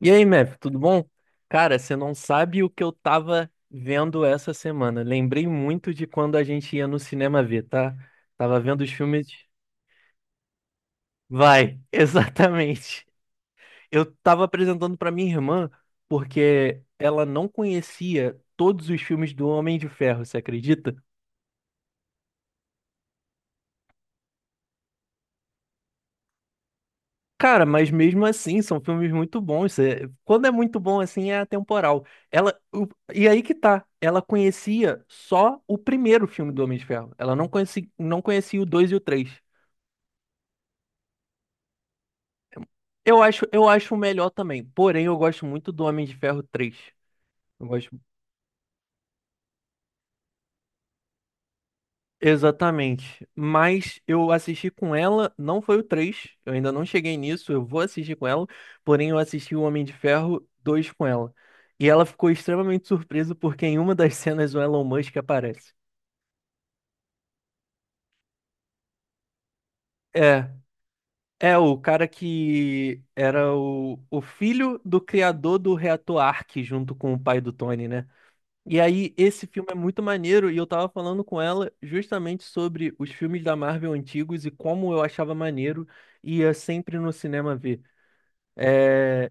E aí, Mef, tudo bom? Cara, você não sabe o que eu tava vendo essa semana. Lembrei muito de quando a gente ia no cinema ver, tá? Tava vendo os filmes. Vai, exatamente. Eu tava apresentando pra minha irmã porque ela não conhecia todos os filmes do Homem de Ferro, você acredita? Cara, mas mesmo assim, são filmes muito bons. Quando é muito bom assim, é atemporal. Ela, o- e aí que tá, ela conhecia só o primeiro filme do Homem de Ferro. Ela não conhecia o 2 e o 3. Eu acho o melhor também. Porém, eu gosto muito do Homem de Ferro 3. Exatamente. Mas eu assisti com ela, não foi o 3. Eu ainda não cheguei nisso, eu vou assistir com ela, porém eu assisti o Homem de Ferro 2 com ela. E ela ficou extremamente surpresa porque em uma das cenas o Elon Musk aparece. É, é o cara que era o filho do criador do reator Ark junto com o pai do Tony, né? E aí, esse filme é muito maneiro, e eu tava falando com ela justamente sobre os filmes da Marvel antigos e como eu achava maneiro e ia sempre no cinema ver. É...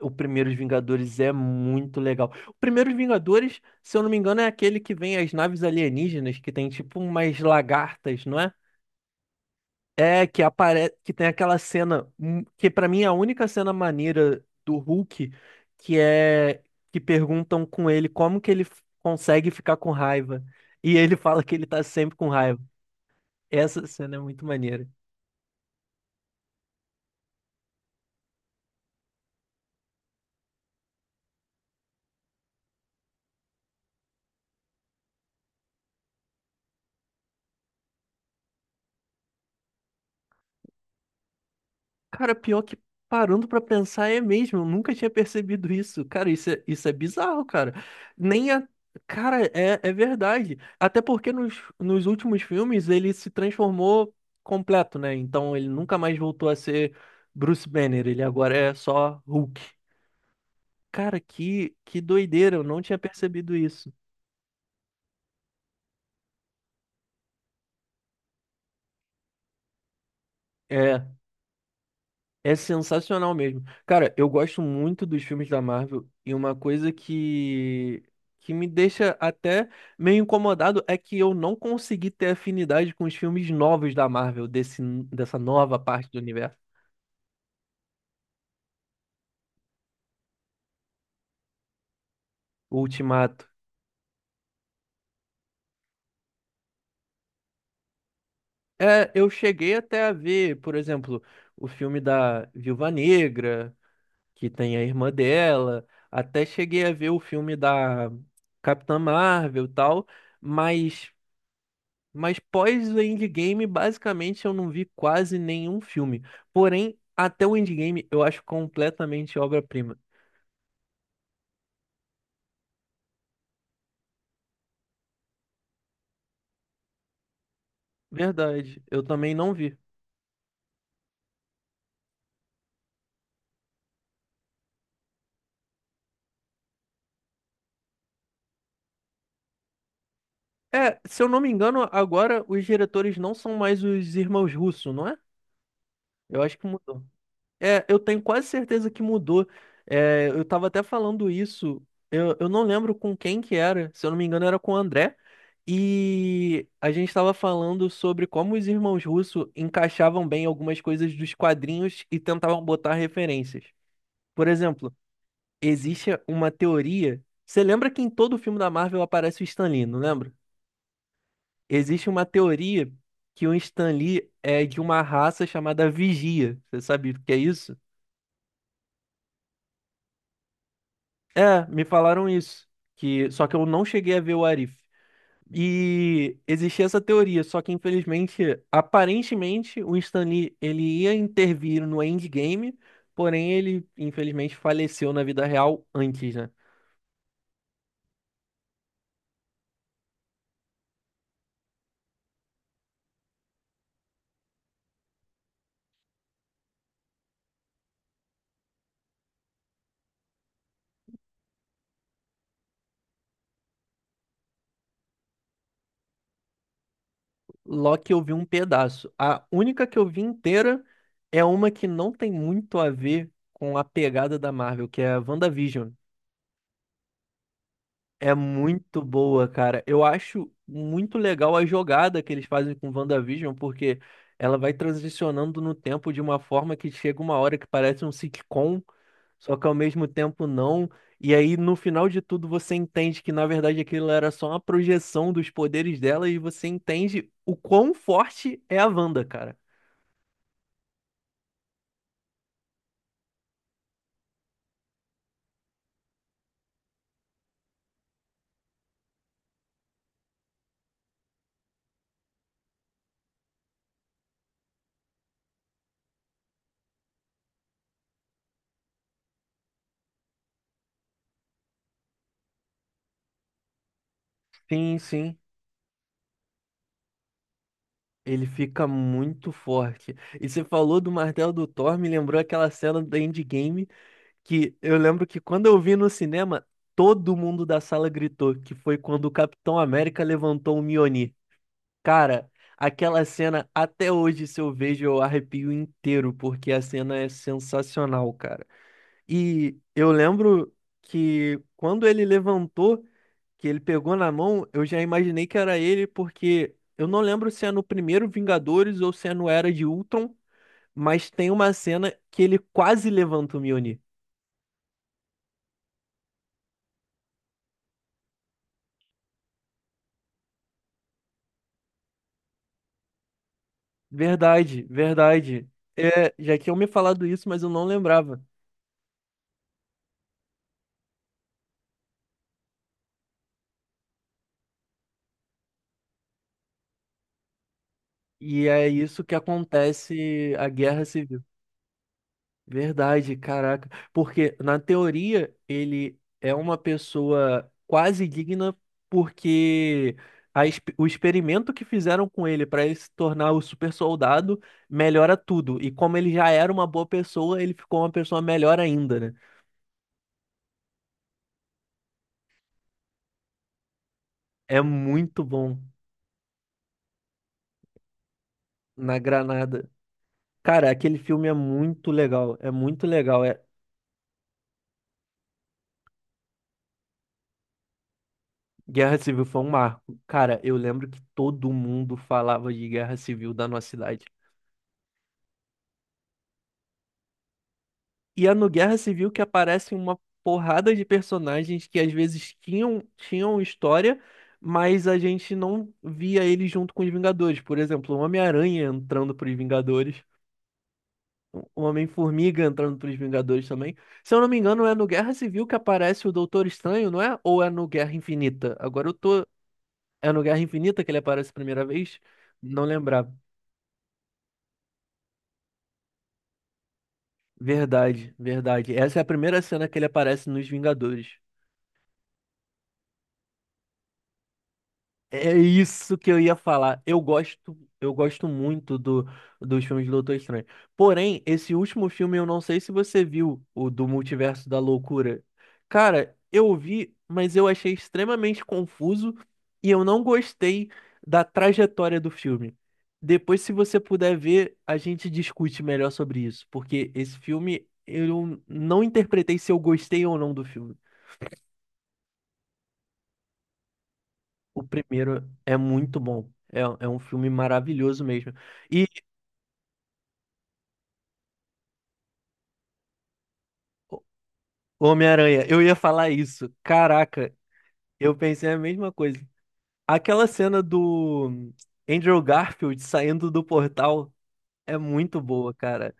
O Primeiros Vingadores é muito legal. O Primeiros Vingadores, se eu não me engano, é aquele que vem as naves alienígenas, que tem tipo umas lagartas, não é? É, que aparece, que tem aquela cena, que pra mim é a única cena maneira do Hulk, que é que perguntam com ele como que ele consegue ficar com raiva. E ele fala que ele tá sempre com raiva. Essa cena é muito maneira. Cara, pior que parando pra pensar é mesmo, eu nunca tinha percebido isso. Cara, isso é bizarro, cara. Nem a. Cara, é verdade. Até porque nos últimos filmes ele se transformou completo, né? Então ele nunca mais voltou a ser Bruce Banner, ele agora é só Hulk. Cara, que doideira, eu não tinha percebido isso. É. É sensacional mesmo. Cara, eu gosto muito dos filmes da Marvel e uma coisa que me deixa até meio incomodado é que eu não consegui ter afinidade com os filmes novos da Marvel, dessa nova parte do universo, o Ultimato. É, eu cheguei até a ver, por exemplo, o filme da Viúva Negra, que tem a irmã dela, até cheguei a ver o filme da Capitã Marvel e tal, mas pós o Endgame, basicamente, eu não vi quase nenhum filme. Porém, até o Endgame eu acho completamente obra-prima. Verdade, eu também não vi. É, se eu não me engano, agora os diretores não são mais os irmãos Russo, não é? Eu acho que mudou. É, eu tenho quase certeza que mudou. É, eu tava até falando isso. Eu não lembro com quem que era. Se eu não me engano, era com o André. E a gente estava falando sobre como os irmãos Russo encaixavam bem algumas coisas dos quadrinhos e tentavam botar referências. Por exemplo, existe uma teoria. Você lembra que em todo filme da Marvel aparece o Stan Lee, não lembra? Existe uma teoria que o Stan Lee é de uma raça chamada Vigia. Você sabe o que é isso? É, me falaram isso. Que, só que eu não cheguei a ver o Arif. E existia essa teoria, só que infelizmente, aparentemente, o Stan Lee, ele ia intervir no Endgame, porém ele infelizmente faleceu na vida real antes, né? Loki eu vi um pedaço. A única que eu vi inteira é uma que não tem muito a ver com a pegada da Marvel, que é a WandaVision. É muito boa, cara. Eu acho muito legal a jogada que eles fazem com WandaVision, porque ela vai transicionando no tempo de uma forma que chega uma hora que parece um sitcom, só que ao mesmo tempo não. E aí, no final de tudo, você entende que, na verdade, aquilo era só uma projeção dos poderes dela e você entende o quão forte é a Wanda, cara. Sim, sim. Ele fica muito forte. E você falou do martelo do Thor, me lembrou aquela cena do Endgame que eu lembro que quando eu vi no cinema, todo mundo da sala gritou, que foi quando o Capitão América levantou o Mjolnir. Cara, aquela cena, até hoje, se eu vejo, eu arrepio inteiro, porque a cena é sensacional, cara. E eu lembro que quando ele levantou, que ele pegou na mão, eu já imaginei que era ele, porque eu não lembro se é no primeiro Vingadores ou se é no Era de Ultron, mas tem uma cena que ele quase levanta o Mjolnir. Verdade, verdade. É, já tinham me falado isso, mas eu não lembrava. E é isso que acontece a guerra civil. Verdade, caraca. Porque, na teoria, ele é uma pessoa quase digna, porque o experimento que fizeram com ele para ele se tornar o super soldado melhora tudo. E como ele já era uma boa pessoa, ele ficou uma pessoa melhor ainda, né? É muito bom na granada. Cara, aquele filme é muito legal, é muito legal. É... Guerra Civil foi um marco. Cara, eu lembro que todo mundo falava de Guerra Civil da nossa cidade. E é no Guerra Civil que aparecem uma porrada de personagens que às vezes tinham história, mas a gente não via eles junto com os Vingadores. Por exemplo, o Homem-Aranha entrando pros Vingadores, o Homem-Formiga entrando pros Vingadores também. Se eu não me engano, é no Guerra Civil que aparece o Doutor Estranho, não é? Ou é no Guerra Infinita? Agora eu tô, é no Guerra Infinita que ele aparece a primeira vez? Não lembrava. Verdade, verdade. Essa é a primeira cena que ele aparece nos Vingadores. É é isso que eu ia falar. Eu gosto muito dos filmes do Doutor Estranho. Porém, esse último filme, eu não sei se você viu, o do Multiverso da Loucura. Cara, eu vi, mas eu achei extremamente confuso e eu não gostei da trajetória do filme. Depois, se você puder ver, a gente discute melhor sobre isso, porque esse filme eu não interpretei se eu gostei ou não do filme. O primeiro é muito bom. É um filme maravilhoso mesmo. E o- Homem-Aranha, eu ia falar isso. Caraca, eu pensei a mesma coisa. Aquela cena do Andrew Garfield saindo do portal é muito boa, cara.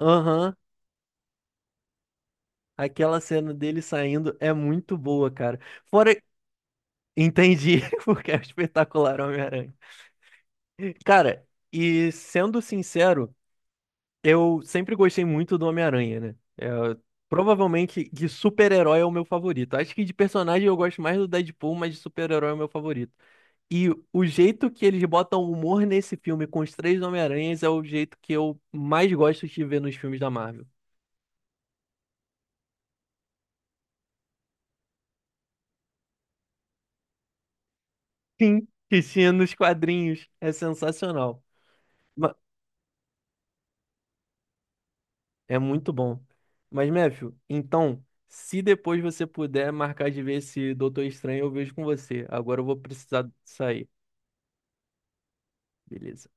Aham, aquela cena dele saindo é muito boa, cara. Fora, entendi, porque é o espetacular Homem-Aranha. Cara, e sendo sincero. Eu sempre gostei muito do Homem-Aranha, né? É, provavelmente de super-herói é o meu favorito. Acho que de personagem eu gosto mais do Deadpool, mas de super-herói é o meu favorito. E o jeito que eles botam humor nesse filme com os três Homem-Aranhas é o jeito que eu mais gosto de ver nos filmes da Marvel. Sim. Que tinha nos quadrinhos. É sensacional. Ma- É muito bom. Mas, Matthew, então, se depois você puder marcar de ver esse Doutor Estranho, eu vejo com você. Agora eu vou precisar sair. Beleza.